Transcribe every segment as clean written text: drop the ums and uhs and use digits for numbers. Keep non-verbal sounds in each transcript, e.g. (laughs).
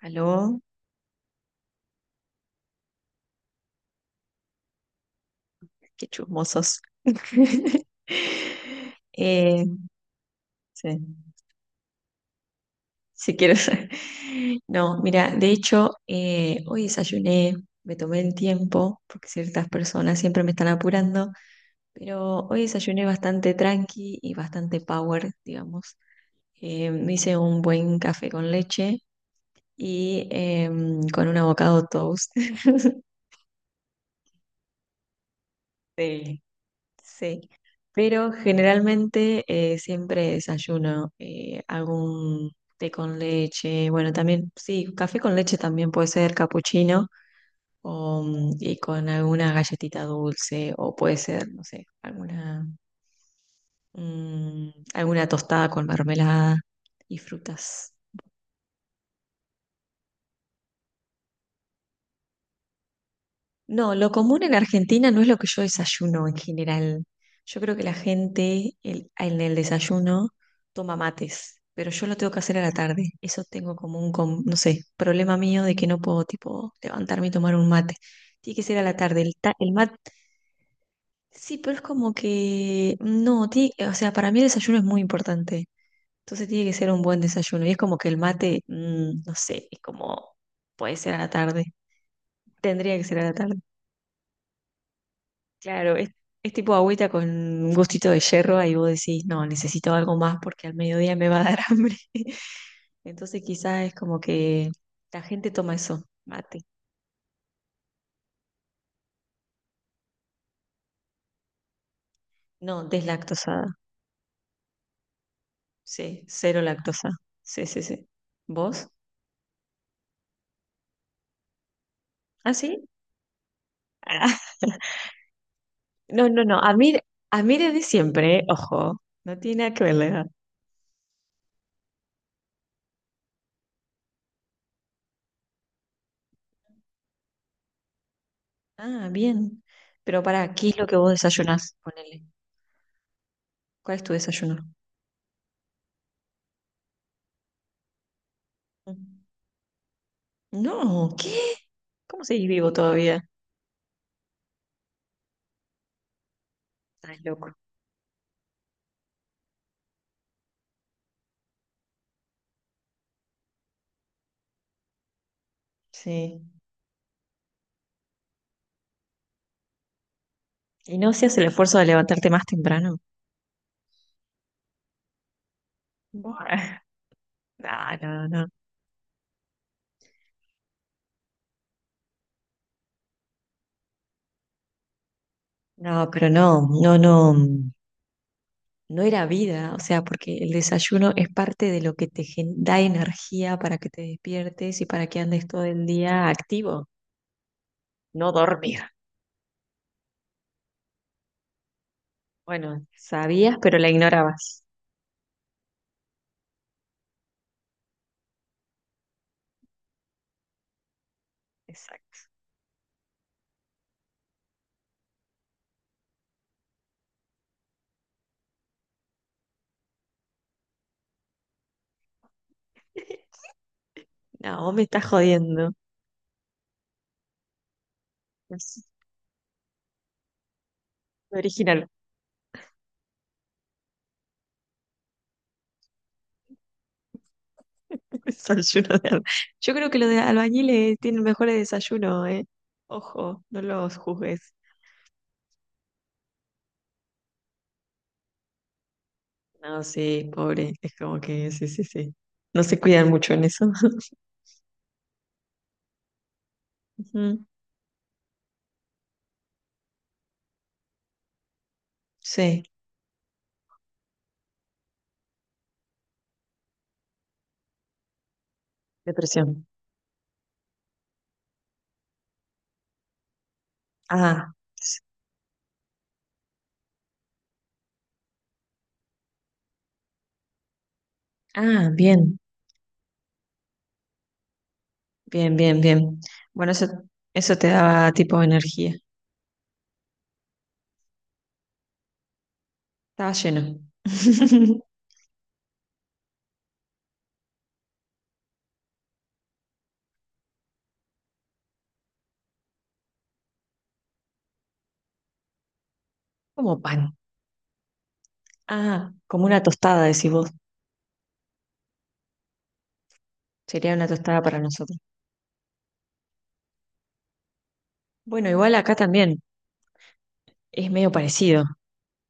Aló, qué chismosos. (laughs) Eh, sí, si quieres. (laughs) No, mira, de hecho, hoy desayuné, me tomé el tiempo, porque ciertas personas siempre me están apurando, pero hoy desayuné bastante tranqui y bastante power, digamos. Me hice un buen café con leche y con un avocado toast. (laughs) Sí, sí, pero generalmente siempre desayuno algún té con leche, bueno, también, sí, café con leche también puede ser capuchino o, y con alguna galletita dulce o puede ser, no sé, alguna, alguna tostada con mermelada y frutas. No, lo común en Argentina no es lo que yo desayuno en general. Yo creo que la gente en el desayuno toma mates, pero yo lo tengo que hacer a la tarde. Eso tengo como un, no sé, problema mío de que no puedo, tipo, levantarme y tomar un mate. Tiene que ser a la tarde. El, el mate, sí, pero es como que, no, o sea, para mí el desayuno es muy importante. Entonces tiene que ser un buen desayuno. Y es como que el mate, no sé, es como, puede ser a la tarde. Tendría que ser a la tarde. Claro, es tipo agüita con un gustito de hierro, ahí vos decís, no, necesito algo más porque al mediodía me va a dar (laughs) hambre. Entonces quizás es como que la gente toma eso, mate. No, deslactosada. Sí, cero lactosa. Sí, sí, sí. ¿Vos? ¿Ah, sí? Ah, (laughs) No, no, no. A mí desde siempre, ¿eh? Ojo, no tiene nada que ver la edad. Ah, bien. Pero ¿para qué es lo que vos desayunás? Ponele. ¿Cuál es tu desayuno? Mm. No, ¿qué? ¿Cómo seguís vivo todavía? Estás loco. Sí. ¿Y no hacías el esfuerzo de levantarte más temprano? Buah. (laughs) No, no, no. No, pero no, no, no. No era vida, o sea, porque el desayuno es parte de lo que te da energía para que te despiertes y para que andes todo el día activo, no dormir. Bueno, sabías, pero la ignorabas. Exacto. (laughs) No, vos me estás jodiendo. Es original. (laughs) Desayuno de albañil. Yo creo que los de albañiles tienen mejores desayunos, ¿eh? Ojo, no los juzgues. No, sí, pobre. Es como que sí, sí, sí. No se cuidan mucho en eso. (laughs) Ujú. Sí, depresión. Ah, s- ah, bien, bien, bien, bien. Bueno, eso te daba tipo energía. Estaba lleno. (laughs) Como pan. Ah, como una tostada, decís vos. Sería una tostada para nosotros. Bueno, igual acá también es medio parecido.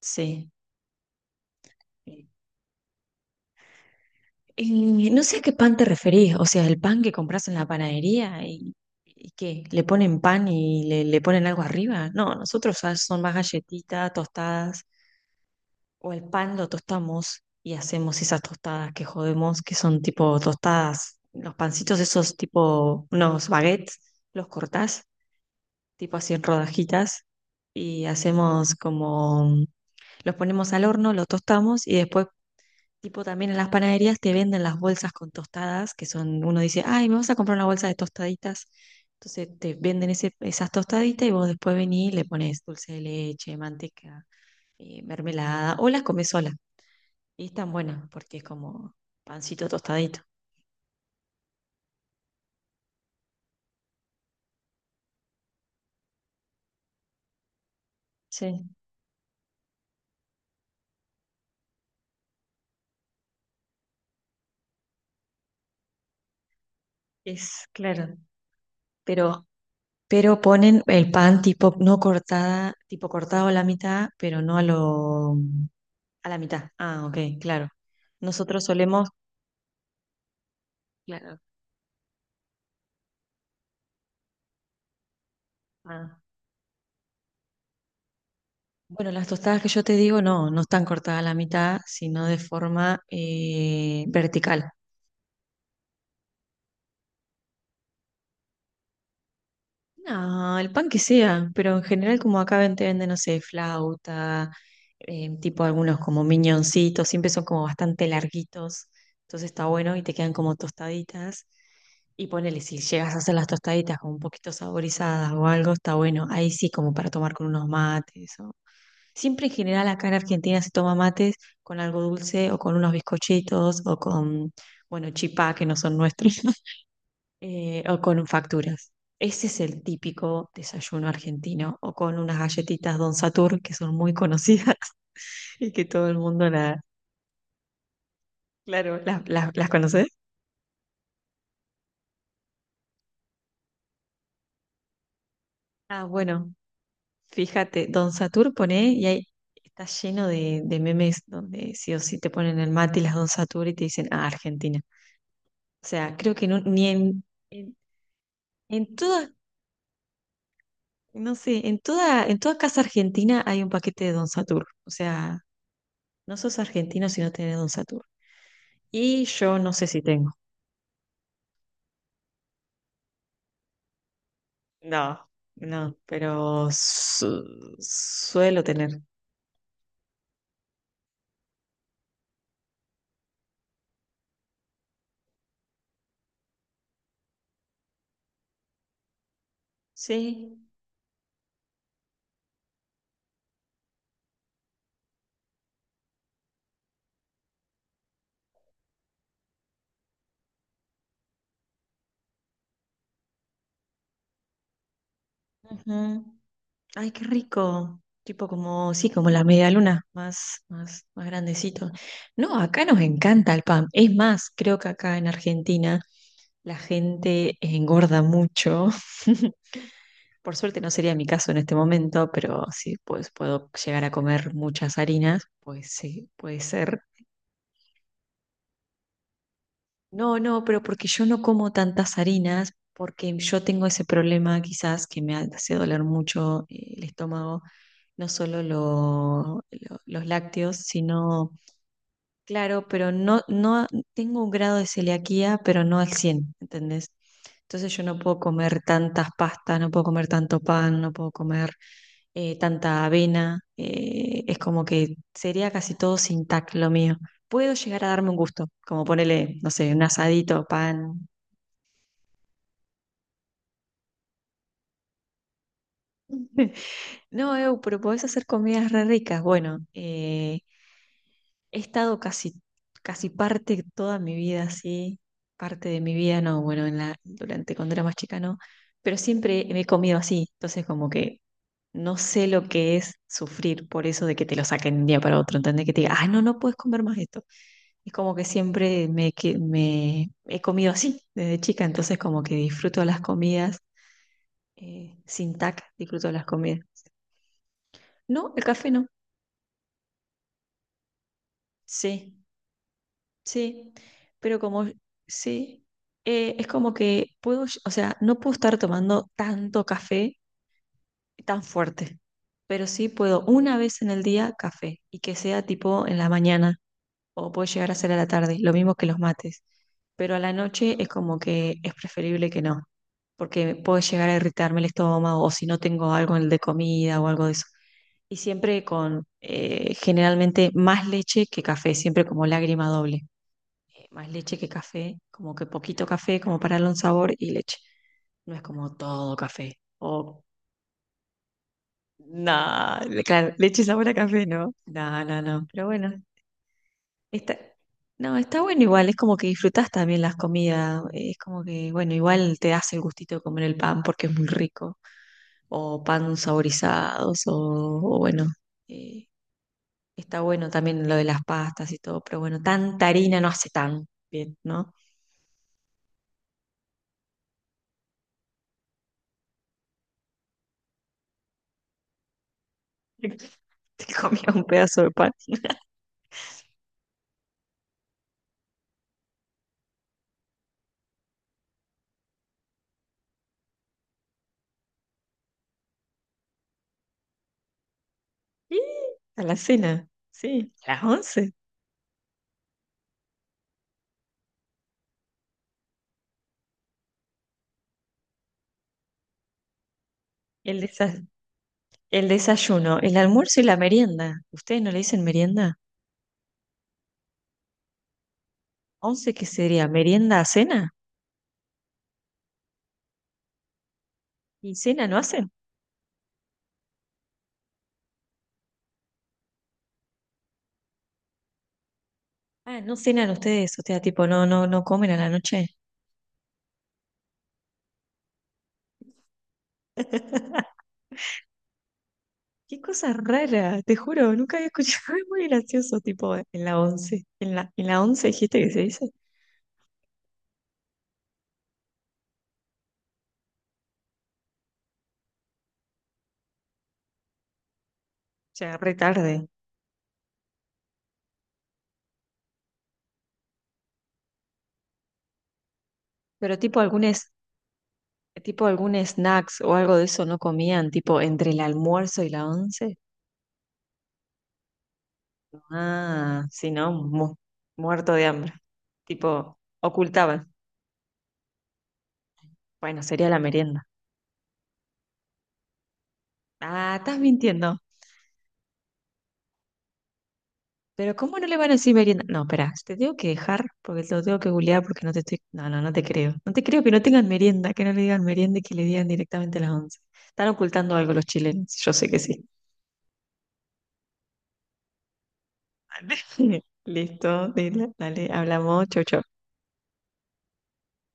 Sí. Y no sé a qué pan te referís, o sea, el pan que compras en la panadería y qué, le ponen pan y le ponen algo arriba. No, nosotros ya son más galletitas, tostadas, o el pan lo tostamos y hacemos esas tostadas que jodemos, que son tipo tostadas, los pancitos esos tipo, unos baguettes, los cortás, tipo así en rodajitas, y hacemos como, los ponemos al horno, los tostamos y después tipo, también en las panaderías te venden las bolsas con tostadas, que son, uno dice, ay, me vas a comprar una bolsa de tostaditas. Entonces te venden esas tostaditas y vos después venís y le pones dulce de leche, manteca, mermelada, o las comes sola. Y están buenas porque es como pancito tostadito. Sí, es claro. Pero, pero ponen el pan tipo no cortada, tipo cortado a la mitad, pero no a lo, a la mitad. Ah, ok, claro. Nosotros solemos, claro. Ah. Bueno, las tostadas que yo te digo no, no están cortadas a la mitad, sino de forma vertical. No, el pan que sea, pero en general como acá te venden, no sé, flauta, tipo algunos como miñoncitos, siempre son como bastante larguitos, entonces está bueno y te quedan como tostaditas. Y ponele, si llegas a hacer las tostaditas como un poquito saborizadas o algo, está bueno. Ahí sí, como para tomar con unos mates. Siempre en general acá en Argentina se toma mates con algo dulce o con unos bizcochitos o con, bueno, chipá, que no son nuestros, (laughs) o con facturas. Ese es el típico desayuno argentino o con unas galletitas Don Satur que son muy conocidas (laughs) y que todo el mundo claro, las las conoce. Ah, bueno, fíjate, Don Satur pone y ahí está lleno de memes donde sí o sí te ponen el mate y las Don Satur y te dicen, ah, Argentina. O sea, creo que ni en en todo, no sé, en toda casa argentina hay un paquete de Don Satur. O sea, no sos argentino si no tenés Don Satur. Y yo no sé si tengo. No, no, pero suelo tener. Sí. Ujú. Ay, qué rico. Tipo como, sí, como la media luna, más, más, más grandecito. No, acá nos encanta el pan. Es más, creo que acá en Argentina la gente engorda mucho. (laughs) Por suerte no sería mi caso en este momento, pero sí, pues puedo llegar a comer muchas harinas, pues sí, puede ser. No, no, pero porque yo no como tantas harinas, porque yo tengo ese problema quizás que me hace doler mucho el estómago, no solo los lácteos, sino, claro, pero no, no, tengo un grado de celiaquía, pero no al 100, ¿entendés? Entonces yo no puedo comer tantas pastas, no puedo comer tanto pan, no puedo comer tanta avena, es como que sería casi todo sin tac lo mío. Puedo llegar a darme un gusto, como ponerle, no sé, un asadito, pan. (laughs) No, Eu, pero podés hacer comidas re ricas. Bueno, he estado casi, casi parte toda mi vida así, parte de mi vida, no, bueno, en la, durante cuando era más chica no, pero siempre me he comido así, entonces como que no sé lo que es sufrir por eso de que te lo saquen de un día para otro, ¿entendés? Que te diga, ah, no, no puedes comer más esto. Es como que siempre me he comido así desde chica, entonces como que disfruto las comidas sin tac, disfruto las comidas. No, el café no. Sí, sí, pero como sí, es como que puedo, o sea, no puedo estar tomando tanto café tan fuerte, pero sí puedo una vez en el día café y que sea tipo en la mañana o puede llegar a ser a la tarde, lo mismo que los mates, pero a la noche es como que es preferible que no. Porque puede llegar a irritarme el estómago o si no tengo algo en el de comida o algo de eso. Y siempre con generalmente más leche que café, siempre como lágrima doble. Más leche que café, como que poquito café, como para darle un sabor y leche. No es como todo café. O nada, claro, leche sabor a café, ¿no? No, no, no. Pero bueno, está, no, está bueno igual, es como que disfrutás también las comidas. Es como que, bueno, igual te das el gustito de comer el pan porque es muy rico o pan saborizados, o bueno, eh, está bueno también lo de las pastas y todo, pero bueno, tanta harina no hace tan bien, ¿no? (laughs) Te comía un pedazo de pan. (laughs) Y a la cena, sí, a las once. El desa- el desayuno, el almuerzo y la merienda. ¿Ustedes no le dicen merienda? ¿Once qué sería? ¿Merienda a cena? ¿Y cena no hacen? Ah, no cenan ustedes, o sea, tipo, no, no, no comen a la noche. (laughs) Qué cosa rara, te juro, nunca había escuchado, (laughs) es muy gracioso, tipo en la once dijiste que se dice, o sea, re tarde, pero tipo algún, tipo algún snacks o algo de eso no comían, tipo entre el almuerzo y la once, ah, si no, muerto de hambre, tipo ocultaban, bueno, sería la merienda, ah, estás mintiendo. Pero ¿cómo no le van a decir merienda? No, espera, te tengo que dejar porque te lo tengo que googlear porque no te estoy... No, no, no te creo. No te creo que no tengan merienda, que no le digan merienda y que le digan directamente a las 11. Están ocultando algo los chilenos, yo sé que sí. (laughs) Listo, dile, dale, hablamos, chau, chau.